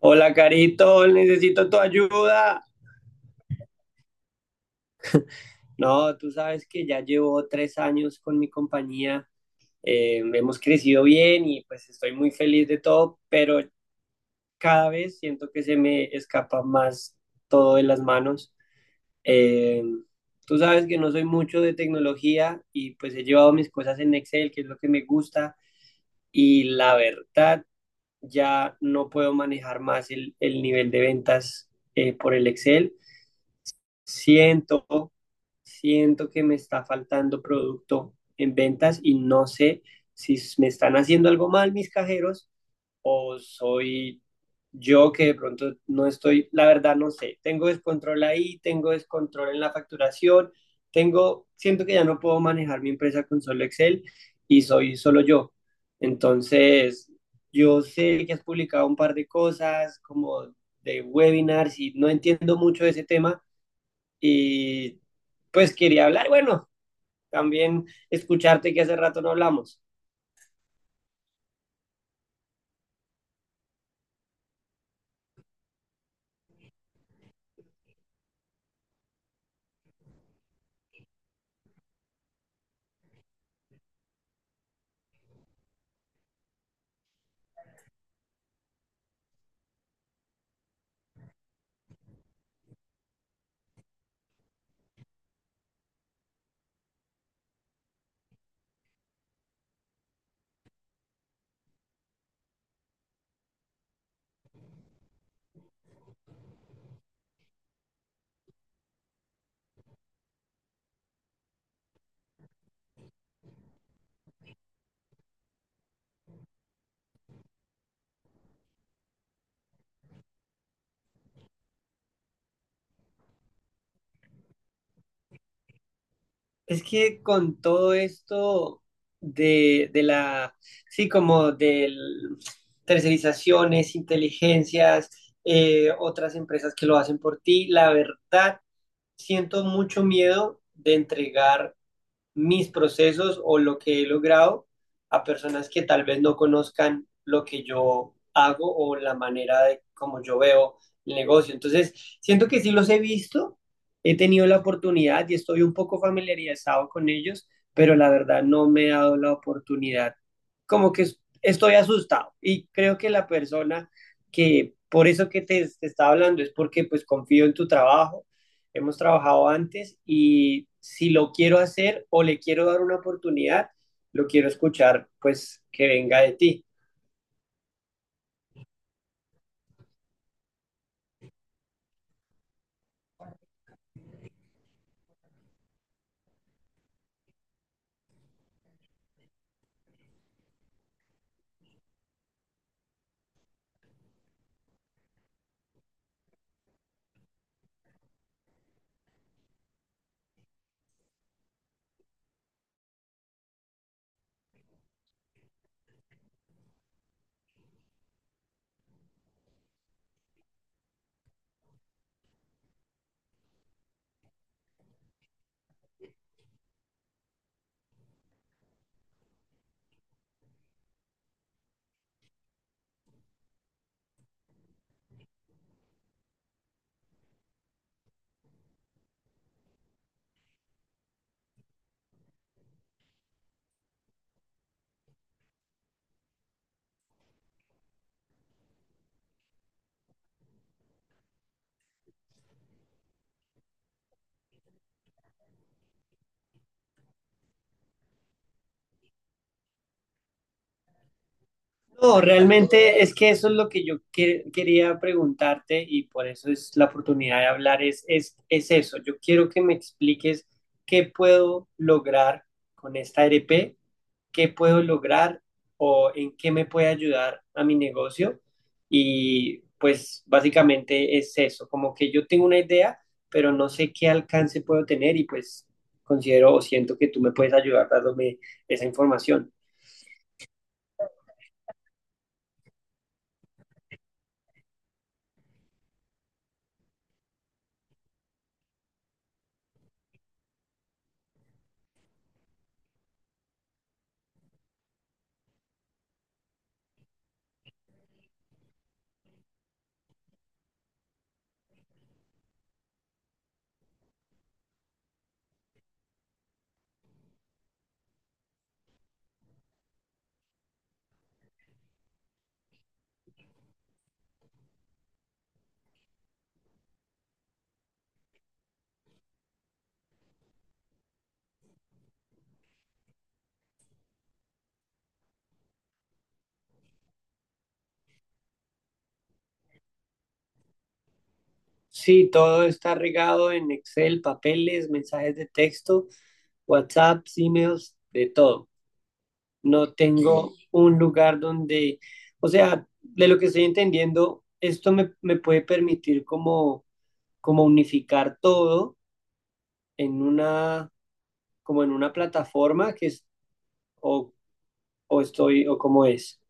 Hola, Carito, necesito tu ayuda. No, tú sabes que ya llevo tres años con mi compañía. Hemos crecido bien y pues estoy muy feliz de todo, pero cada vez siento que se me escapa más todo de las manos. Eh, Tú sabes que no soy mucho de tecnología y pues he llevado mis cosas en Excel, que es lo que me gusta, y la verdad ya no puedo manejar más el nivel de ventas por el Excel. Siento siento que me está faltando producto en ventas y no sé si me están haciendo algo mal mis cajeros o soy yo que de pronto no estoy, la verdad no sé, tengo descontrol ahí, tengo descontrol en la facturación, tengo, siento que ya no puedo manejar mi empresa con solo Excel y soy solo yo. Entonces, yo sé que has publicado un par de cosas como de webinars y no entiendo mucho de ese tema y pues quería hablar, bueno, también escucharte que hace rato no hablamos. Es que con todo esto de, de la, sí, como de tercerizaciones, inteligencias, otras empresas que lo hacen por ti, la verdad, siento mucho miedo de entregar mis procesos o lo que he logrado a personas que tal vez no conozcan lo que yo hago o la manera de cómo yo veo el negocio. Entonces, siento que sí los he visto, he tenido la oportunidad y estoy un poco familiarizado con ellos, pero la verdad no me he dado la oportunidad. Como que estoy asustado y creo que la persona que por eso que te estaba hablando es porque pues confío en tu trabajo, hemos trabajado antes y si lo quiero hacer o le quiero dar una oportunidad, lo quiero escuchar, pues que venga de ti. No, realmente es que eso es lo que yo quería preguntarte y por eso es la oportunidad de hablar, es eso. Yo quiero que me expliques qué puedo lograr con esta RP, qué puedo lograr o en qué me puede ayudar a mi negocio. Y pues básicamente es eso, como que yo tengo una idea, pero no sé qué alcance puedo tener y pues considero o siento que tú me puedes ayudar dándome esa información. Sí, todo está regado en Excel, papeles, mensajes de texto, WhatsApp, emails, de todo. No tengo un lugar donde, o sea, de lo que estoy entendiendo, esto me puede permitir como unificar todo en una, como en una plataforma que es, o, o estoy, o cómo es.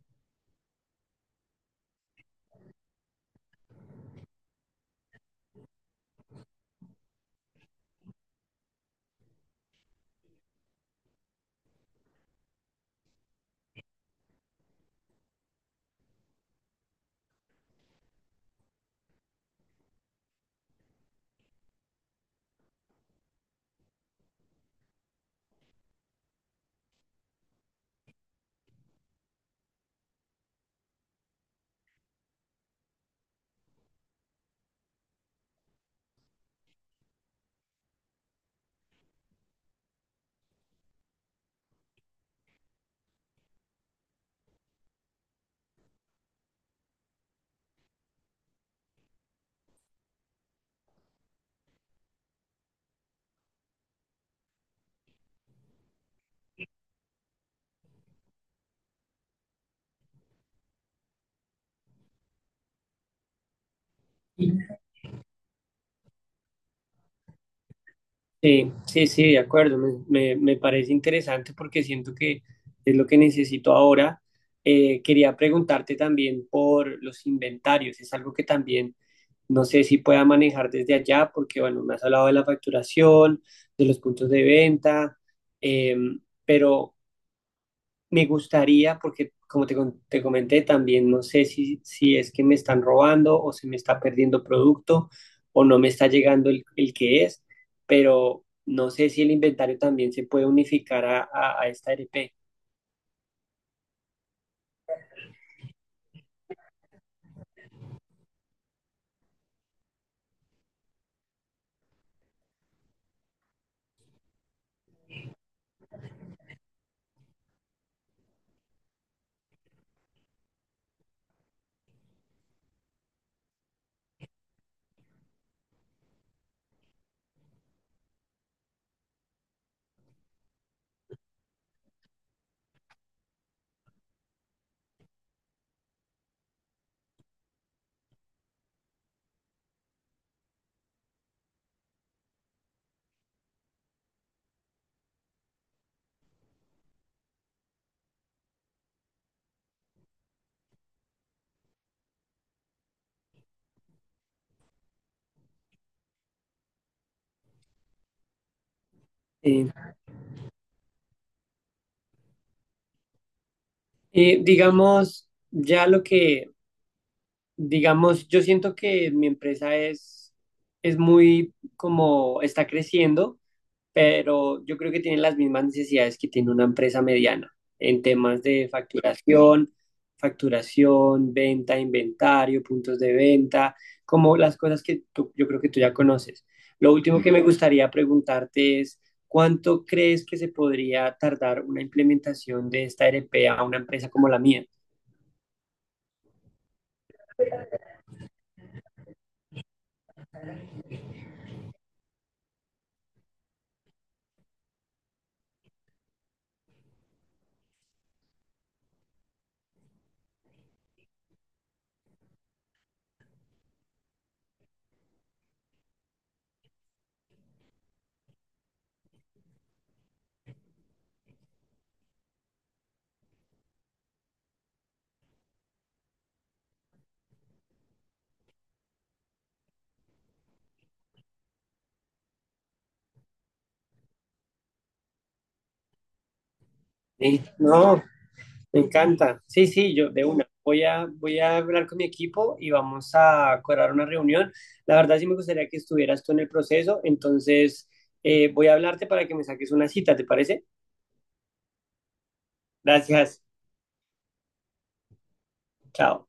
Sí, sí, sí, de acuerdo. Me parece interesante porque siento que es lo que necesito ahora. Quería preguntarte también por los inventarios. Es algo que también no sé si pueda manejar desde allá porque, bueno, me has hablado de la facturación, de los puntos de venta, eh, pero me gustaría, porque como te comenté, también no sé si, si es que me están robando o se me está perdiendo producto o no me está llegando el que es, pero no sé si el inventario también se puede unificar a esta RP. Eh, digamos, ya lo digamos, yo siento que mi empresa es muy, como está creciendo, pero yo creo que tienen las mismas necesidades que tiene una empresa mediana en temas de facturación, venta, inventario, puntos de venta, como las cosas que yo creo que tú ya conoces. Lo último que me gustaría preguntarte es, ¿cuánto crees que se podría tardar una implementación de esta ERP a una empresa como la mía? No, Me encanta. Sí, sí, yo de una. Voy a, voy a hablar con mi equipo y vamos a acordar una reunión. La verdad sí me gustaría que estuvieras tú en el proceso, entonces voy a hablarte para que me saques una cita, ¿te parece? Gracias. Chao.